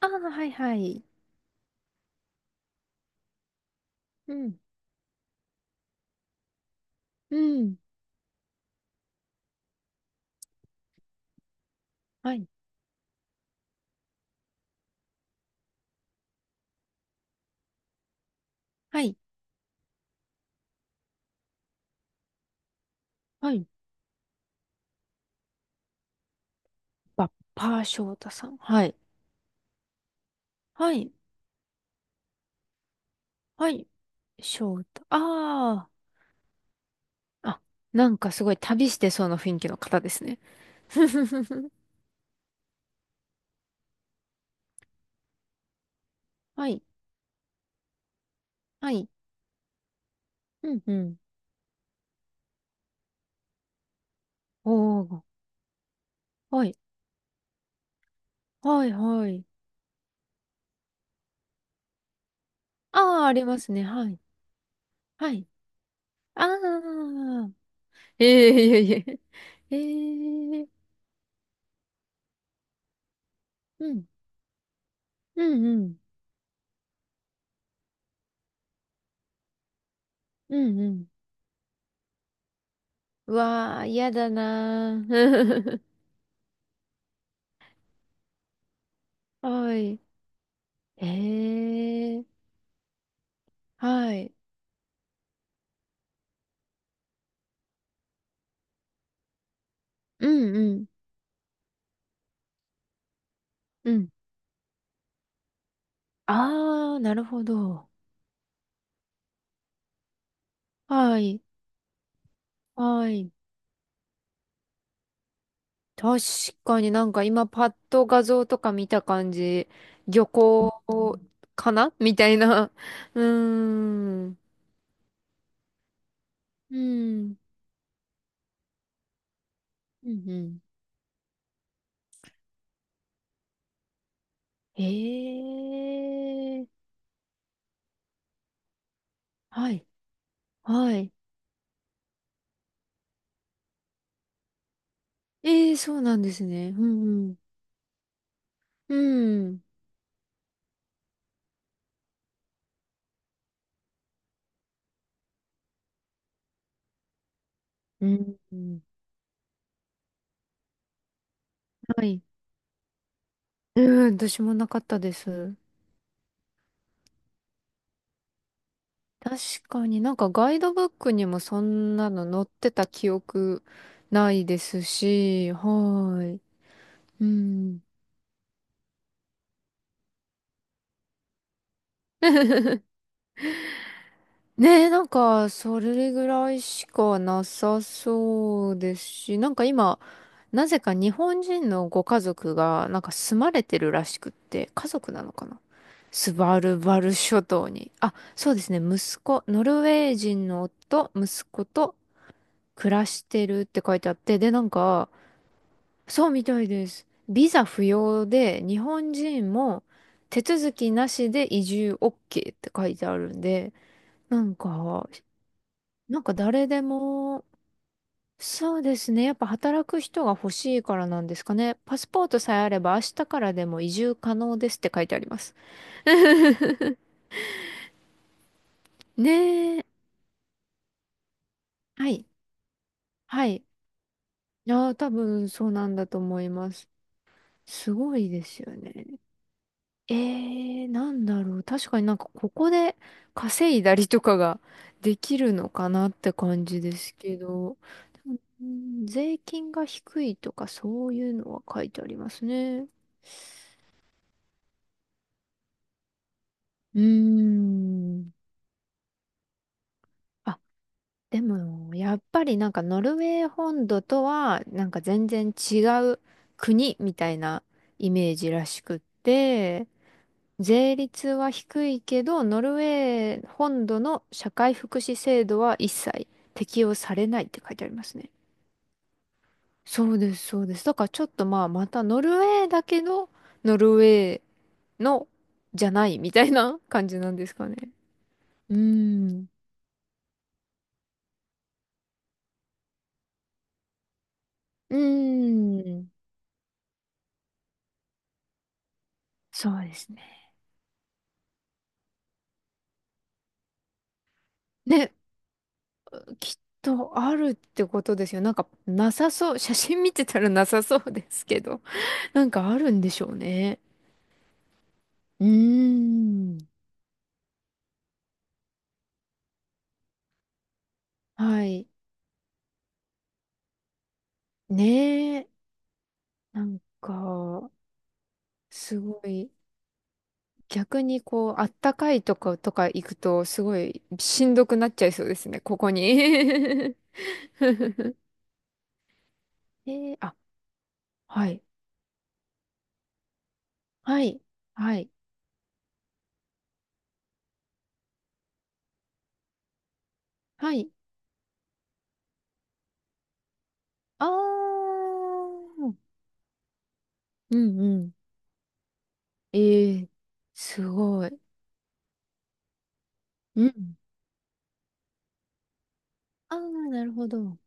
ああ、はいはい。うん、うん、はい、はい、はい。バッパー翔太さん。はい、はい、はい。翔太。ああ、あ、なんかすごい旅してそうな雰囲気の方ですね。ふふふふはい、はい、うん、うん。おー、はい、はい、はい。ああ、ありますね。はい、はい。ああ、ええいえいえ。ええうん、うん、うん、うん、うん。うわあ、嫌だなー。はい。ええ、はい。うんうん。うん。ああ、なるほど。はい。はい。確かになんか今パッと画像とか見た感じ、漁港かなみたいな。うーん。うん。うんうん。ええ、はい。はい。ええ、そうなんですね。うんうん。うん。うん。はい。うん、私もなかったです。確かになんかガイドブックにもそんなの載ってた記憶ないですし、はい。うん。ねえ、なんかそれぐらいしかなさそうですし、なんか今、なぜか日本人のご家族がなんか住まれてるらしくって、家族なのかなスバルバル諸島に。あ、そうですね、息子、ノルウェー人の夫、息子と暮らしてるって書いてあって、で、なんか、そうみたいです。ビザ不要で、日本人も手続きなしで移住 OK って書いてあるんで、なんか、なんか誰でも、そうですね。やっぱ働く人が欲しいからなんですかね。パスポートさえあれば明日からでも移住可能ですって書いてあります。ねえ。はい。はい。いやー、多分そうなんだと思います。すごいですよね。えー、なんだろう。確かになんかここで稼いだりとかができるのかなって感じですけど、でもうん税金が低いとかそういうのは書いてありますね。うーん。あ、でも、やっぱりなんかノルウェー本土とはなんか全然違う国みたいなイメージらしくって、税率は低いけど、ノルウェー本土の社会福祉制度は一切適用されないって書いてありますね。そうです、そうです。だからちょっとまあ、またノルウェーだけど、ノルウェーのじゃないみたいな感じなんですかね。うーん。うーん。そうですね。ね、きっとあるってことですよ。なんかなさそう。写真見てたらなさそうですけど、なんかあるんでしょうね。うーん。はい。ねえ、なんか、すごい、逆にこう、あったかいとことか行くと、すごいしんどくなっちゃいそうですね、ここに。えー、あ、はい、はい、はい、はい。あー、うんうん。えー、すごい。うん。あー、なるほど。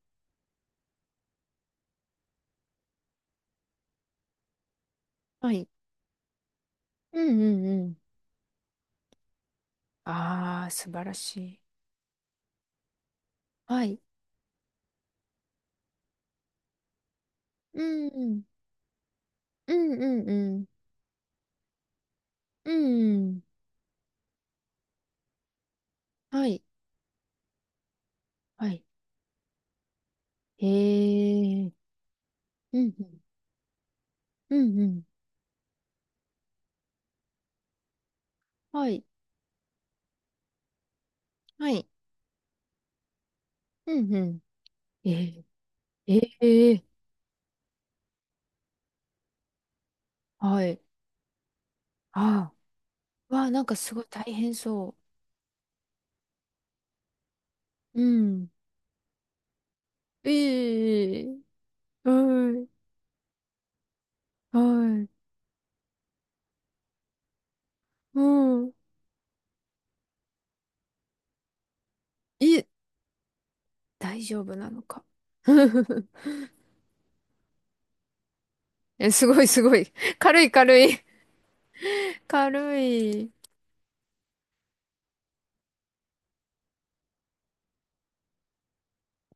はい。うんうんうん。あー、素晴らしい。はい。うんうん。うんうんうん。うんうん。はい。はいへえ。うんうん。うんうん。はい。はい。うんうん。えー、ええはい。ああ。わあ、なんかすごい大変そう。うん。ええはい。はい。うん。え、大丈夫なのか。え、すごいすごい。軽い軽い。軽い。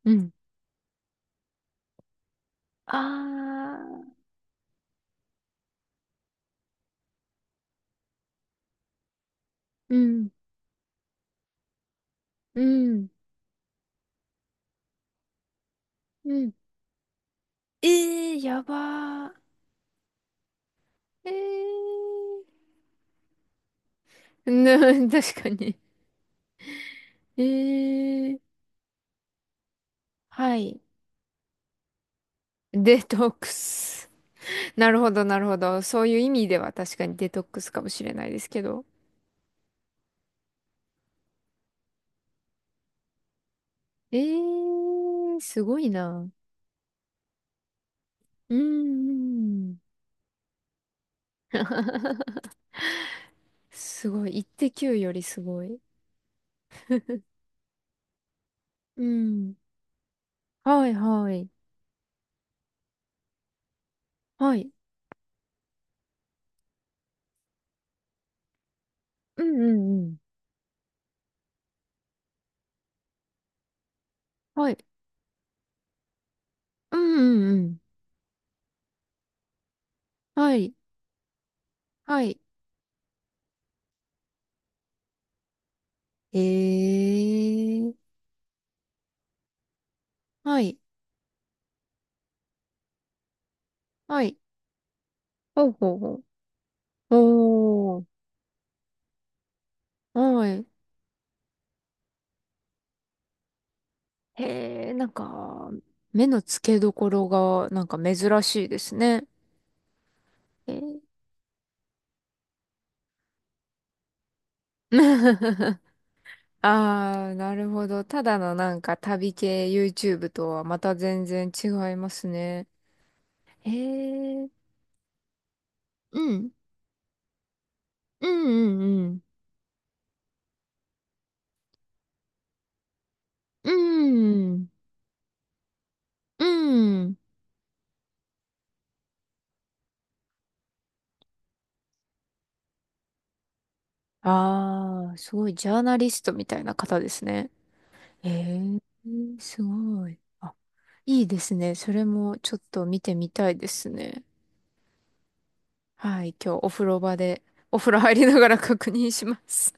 うん。ああ。うん。うん。うん。ええやばー。ええな、確かに。えー、はい。デトックス。なるほど、なるほど。そういう意味では確かにデトックスかもしれないですけど。えー、すごいな。うーん、んすごい。1.9よりすごい。うん。はい、はい。はい。うん、うん、うん。はい。うん、うん、うん。はい。はい。えー。はい。はい。ほうほうほう。おー。はい。へえ、なんか、目の付けどころが、なんか珍しいですね。えー ああ、なるほど。ただのなんか旅系 YouTube とはまた全然違いますね。へえ、うん、うん、うん、うん、うん、うん。ああ、すごい、ジャーナリストみたいな方ですね。へえ、すごい。あ、いいですね。それもちょっと見てみたいですね。はい、今日お風呂場で、お風呂入りながら確認します。